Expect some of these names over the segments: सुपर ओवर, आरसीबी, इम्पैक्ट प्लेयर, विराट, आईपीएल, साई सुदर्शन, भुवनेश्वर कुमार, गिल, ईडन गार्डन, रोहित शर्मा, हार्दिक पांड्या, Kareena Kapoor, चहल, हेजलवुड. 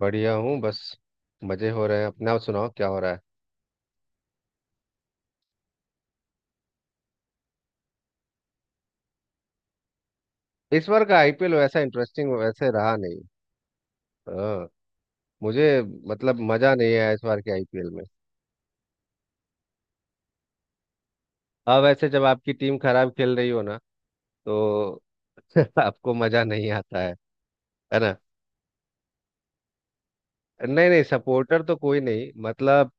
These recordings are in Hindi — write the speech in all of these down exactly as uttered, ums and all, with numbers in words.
बढ़िया हूँ बस मजे हो रहे हैं। अपना आप सुनाओ क्या हो रहा है। इस बार का आई पी एल वैसा इंटरेस्टिंग वैसे रहा नहीं। हाँ। मुझे मतलब मजा नहीं आया इस बार के आईपीएल में। अब वैसे जब आपकी टीम खराब खेल रही हो ना तो आपको मजा नहीं आता है है ना। नहीं नहीं, सपोर्टर तो कोई नहीं, मतलब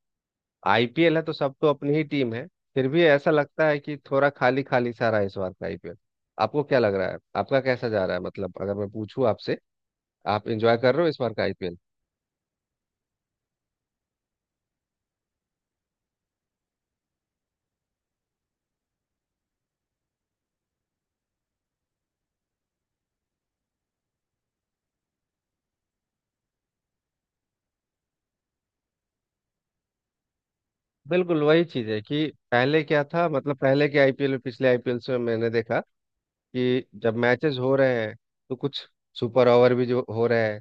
आईपीएल है तो सब तो अपनी ही टीम है। फिर भी ऐसा लगता है कि थोड़ा खाली खाली सा रहा है इस बार का आईपीएल। आपको क्या लग रहा है, आपका कैसा जा रहा है, मतलब अगर मैं पूछूं आपसे, आप एंजॉय कर रहे हो इस बार का आईपीएल? बिल्कुल वही चीज है कि पहले क्या था, मतलब पहले के आईपीएल में पिछले आईपीएल से मैंने देखा कि जब मैचेस हो रहे हैं तो कुछ सुपर ओवर भी जो हो रहे हैं,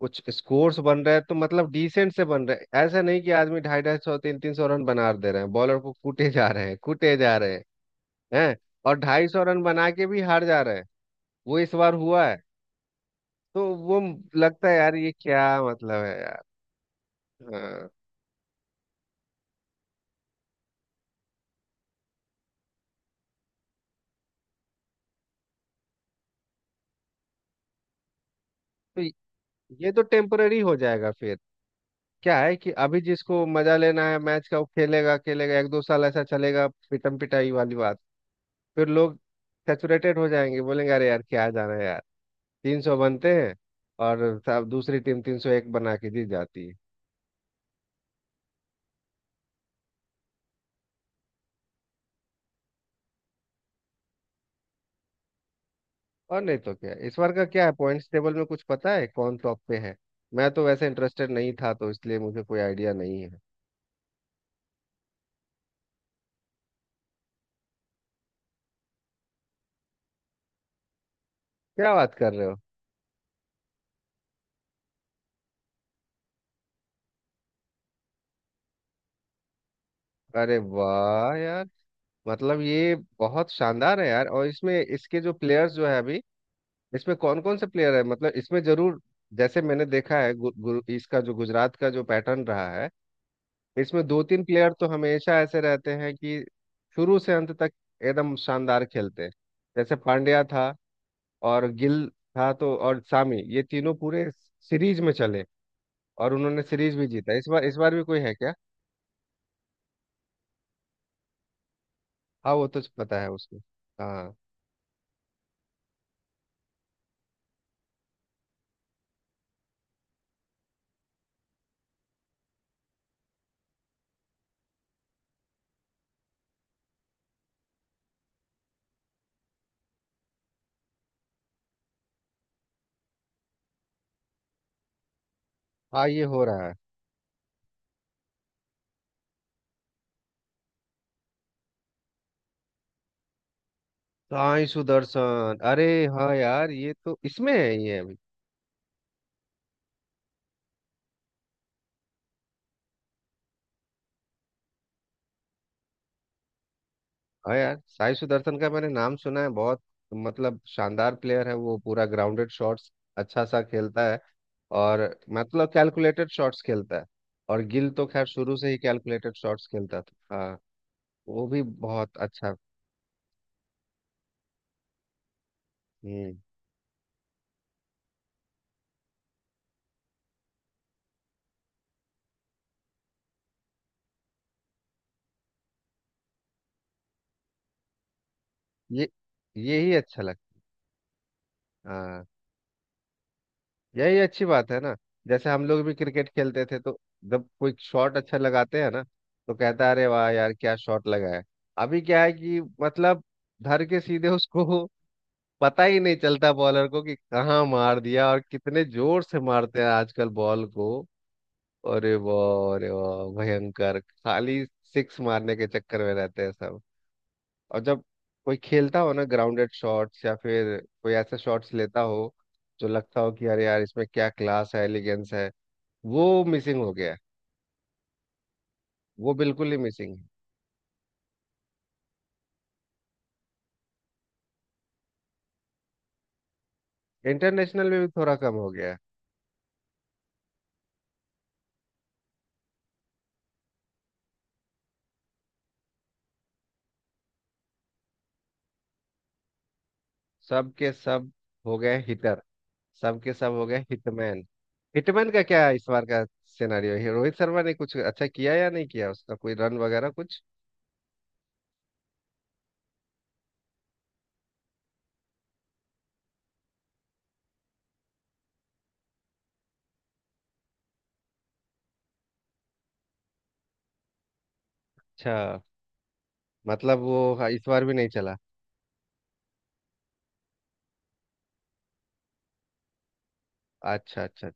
कुछ स्कोर्स बन रहे हैं तो मतलब डिसेंट से बन रहे हैं, ऐसा नहीं कि आदमी ढाई ढाई सौ तीन तीन सौ रन बना दे रहे हैं, बॉलर को कूटे जा रहे हैं कूटे जा रहे हैं। हैं और ढाई सौ रन बना के भी हार जा रहे हैं। वो इस बार हुआ है। तो वो लगता है यार, ये क्या मतलब है यार। हाँ। तो ये तो टेम्पररी हो जाएगा फिर। क्या है कि अभी जिसको मजा लेना है मैच का वो खेलेगा खेलेगा, एक दो साल ऐसा चलेगा पिटम पिटाई वाली बात। फिर लोग सेचुरेटेड हो जाएंगे, बोलेंगे अरे यार क्या जाना है यार। तीन सौ बनते हैं और सब दूसरी टीम तीन सौ एक बना के जीत जाती है। और नहीं तो क्या, इस बार का क्या है पॉइंट्स टेबल में, कुछ पता है कौन टॉप पे है? मैं तो वैसे इंटरेस्टेड नहीं था तो इसलिए मुझे कोई आइडिया नहीं है। क्या बात कर रहे हो। अरे वाह यार। मतलब ये बहुत शानदार है यार। और इसमें इसके जो प्लेयर्स जो है अभी, इसमें कौन कौन से प्लेयर है, मतलब इसमें जरूर जैसे मैंने देखा है, गु, गु, इसका जो गुजरात का जो पैटर्न रहा है इसमें दो तीन प्लेयर तो हमेशा ऐसे रहते हैं कि शुरू से अंत तक एकदम शानदार खेलते हैं। जैसे पांड्या था और गिल था, तो और सामी, ये तीनों पूरे सीरीज में चले और उन्होंने सीरीज भी जीता। इस बार इस बार भी कोई है क्या? हाँ वो तो पता है उसको। हाँ। हाँ ये हो रहा है। साई सुदर्शन, अरे हाँ यार, ये तो इसमें है ये। हाँ यार, साई सुदर्शन का मैंने नाम सुना है बहुत। मतलब शानदार प्लेयर है वो, पूरा ग्राउंडेड शॉट्स अच्छा सा खेलता है। और मतलब कैलकुलेटेड शॉट्स खेलता है। और गिल तो खैर शुरू से ही कैलकुलेटेड शॉट्स खेलता था। हाँ वो भी बहुत अच्छा। हम्म ये यही अच्छा लगता। हाँ यही अच्छी बात है ना। जैसे हम लोग भी क्रिकेट खेलते थे तो जब कोई शॉट अच्छा लगाते हैं ना तो कहता है अरे वाह यार क्या शॉट लगाया। अभी क्या है कि मतलब धर के सीधे उसको, पता ही नहीं चलता बॉलर को कि कहाँ मार दिया, और कितने जोर से मारते हैं आजकल बॉल को। अरे वाह अरे वाह भयंकर खाली सिक्स मारने के चक्कर में रहते हैं सब। और जब कोई खेलता हो ना ग्राउंडेड शॉट्स, या फिर कोई ऐसे शॉट्स लेता हो जो लगता हो कि अरे यार इसमें क्या क्लास है, एलिगेंस है, वो मिसिंग हो गया है। वो बिल्कुल ही मिसिंग है। इंटरनेशनल में भी थोड़ा कम हो गया है। सब के सब हो गए हिटर, सब के सब हो गए हिटमैन। हिटमैन का क्या है इस बार का सिनेरियो, है रोहित शर्मा ने कुछ अच्छा किया या नहीं किया, उसका कोई रन वगैरह कुछ? अच्छा। मतलब वो हाँ, इस बार भी नहीं चला। अच्छा अच्छा।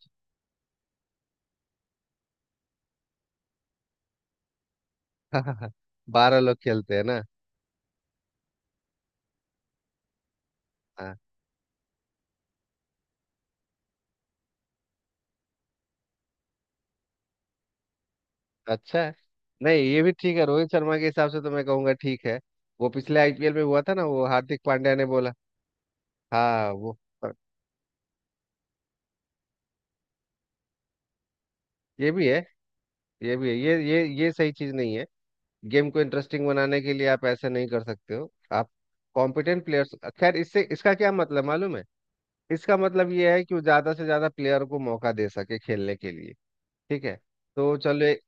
अच्छा बारह लोग खेलते हैं ना। हाँ अच्छा है। नहीं ये भी ठीक है, रोहित शर्मा के हिसाब से तो मैं कहूँगा ठीक है। वो पिछले आईपीएल में हुआ था ना वो हार्दिक पांड्या ने बोला। हाँ वो ये भी है, ये भी है, ये ये ये सही चीज नहीं है। गेम को इंटरेस्टिंग बनाने के लिए आप ऐसा नहीं कर सकते हो, आप कॉम्पिटेंट प्लेयर्स। खैर इससे इसका क्या मतलब मालूम है, इसका मतलब ये है कि वो ज्यादा से ज्यादा प्लेयर को मौका दे सके खेलने के लिए। ठीक है। तो चलो ए-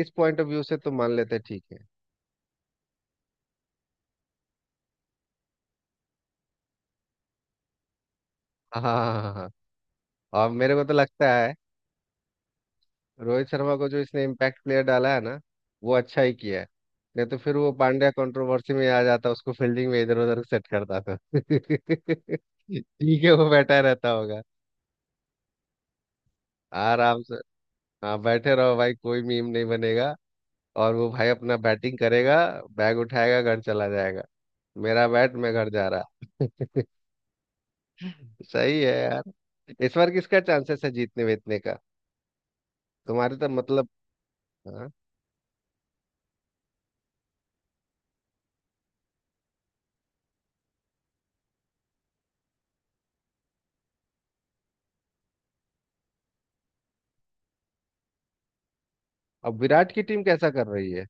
इस पॉइंट ऑफ व्यू से तो मान लेते हैं ठीक है। हाँ हाँ हाँ हाँ। हाँ। और मेरे को तो लगता है रोहित शर्मा को जो इसने इम्पैक्ट प्लेयर डाला है ना वो अच्छा ही किया है। नहीं तो फिर वो पांड्या कंट्रोवर्सी में आ जाता, उसको फील्डिंग में इधर उधर सेट करता था ठीक है, वो बैठा रहता होगा आराम से। हाँ बैठे रहो भाई, कोई मीम नहीं बनेगा। और वो भाई अपना बैटिंग करेगा, बैग उठाएगा घर चला जाएगा। मेरा बैट मैं घर जा रहा सही है यार। इस बार किसका चांसेस है जीतने वीतने का, तुम्हारे तो मतलब। हाँ। अब विराट की टीम कैसा कर रही है?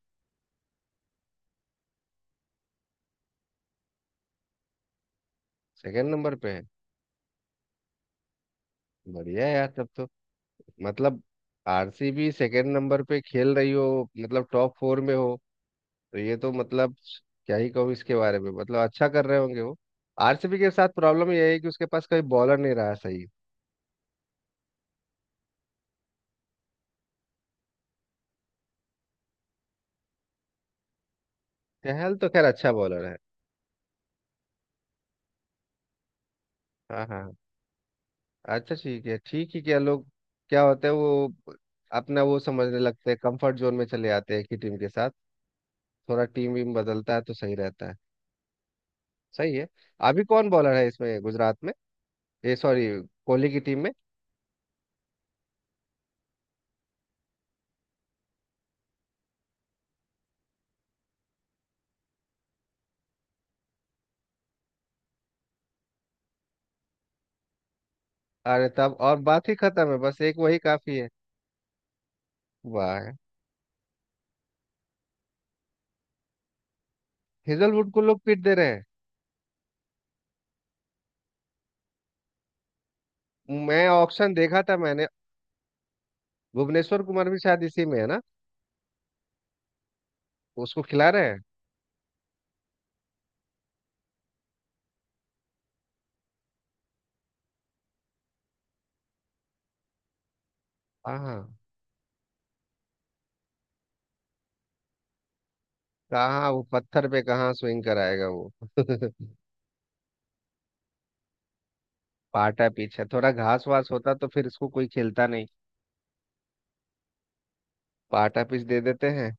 सेकंड नंबर पे है। बढ़िया है यार तब तो, मतलब R C B second number पे खेल रही हो मतलब टॉप फोर में हो तो, ये तो मतलब क्या ही कहूँ इसके बारे में, मतलब अच्छा कर रहे होंगे वो। आरसीबी के साथ प्रॉब्लम ये है कि उसके पास कोई बॉलर नहीं रहा सही। चहल तो खैर अच्छा बॉलर है। हाँ हाँ हाँ। अच्छा ठीक है, ठीक ही, क्या लोग क्या होता है वो, अपना वो समझने लगते हैं, कंफर्ट जोन में चले आते हैं एक ही टीम के साथ। थोड़ा टीम वीम बदलता है तो सही रहता है। सही है। अभी कौन बॉलर है इसमें, गुजरात में? ये सॉरी कोहली की टीम में। अरे तब और बात ही खत्म है, बस एक वही काफी है। वाह, हेजलवुड को लोग पीट दे रहे हैं। मैं ऑप्शन देखा था मैंने। भुवनेश्वर कुमार भी शायद इसी में है ना। उसको खिला रहे हैं? हाँ हाँ। कहाँ वो पत्थर पे कहाँ स्विंग कराएगा वो। पाटा पिच है, थोड़ा घास वास होता तो फिर इसको कोई खेलता नहीं। पाटा पिच दे देते हैं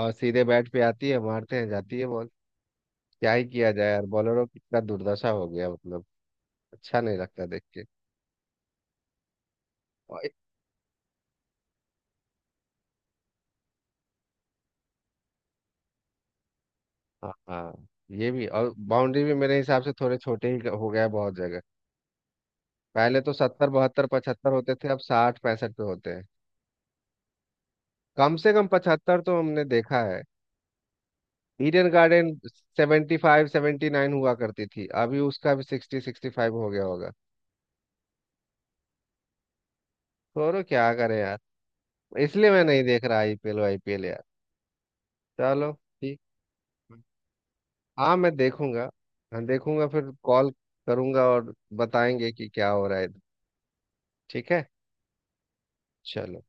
और सीधे बैट पे आती है, मारते हैं, जाती है बॉल। क्या ही किया जाए यार, बॉलरों की इतना दुर्दशा हो गया, मतलब अच्छा नहीं लगता देख के। और- हाँ हाँ। ये भी, और बाउंड्री भी मेरे हिसाब से थोड़े छोटे ही हो गया है बहुत जगह। पहले तो सत्तर बहत्तर पचहत्तर होते थे, अब साठ पैंसठ पे होते हैं। कम से कम पचहत्तर तो हमने देखा है, ईडन गार्डन। Seventy five seventy nine हुआ करती थी, अभी उसका भी सिक्सटी सिक्सटी फाइव हो गया होगा। छोड़ो क्या करें यार, इसलिए मैं नहीं देख रहा आईपीएल, आईपीएल यार। चलो ठीक है। हाँ मैं देखूंगा, हाँ देखूंगा फिर कॉल करूंगा और बताएंगे कि क्या हो रहा है। ठीक है। चलो।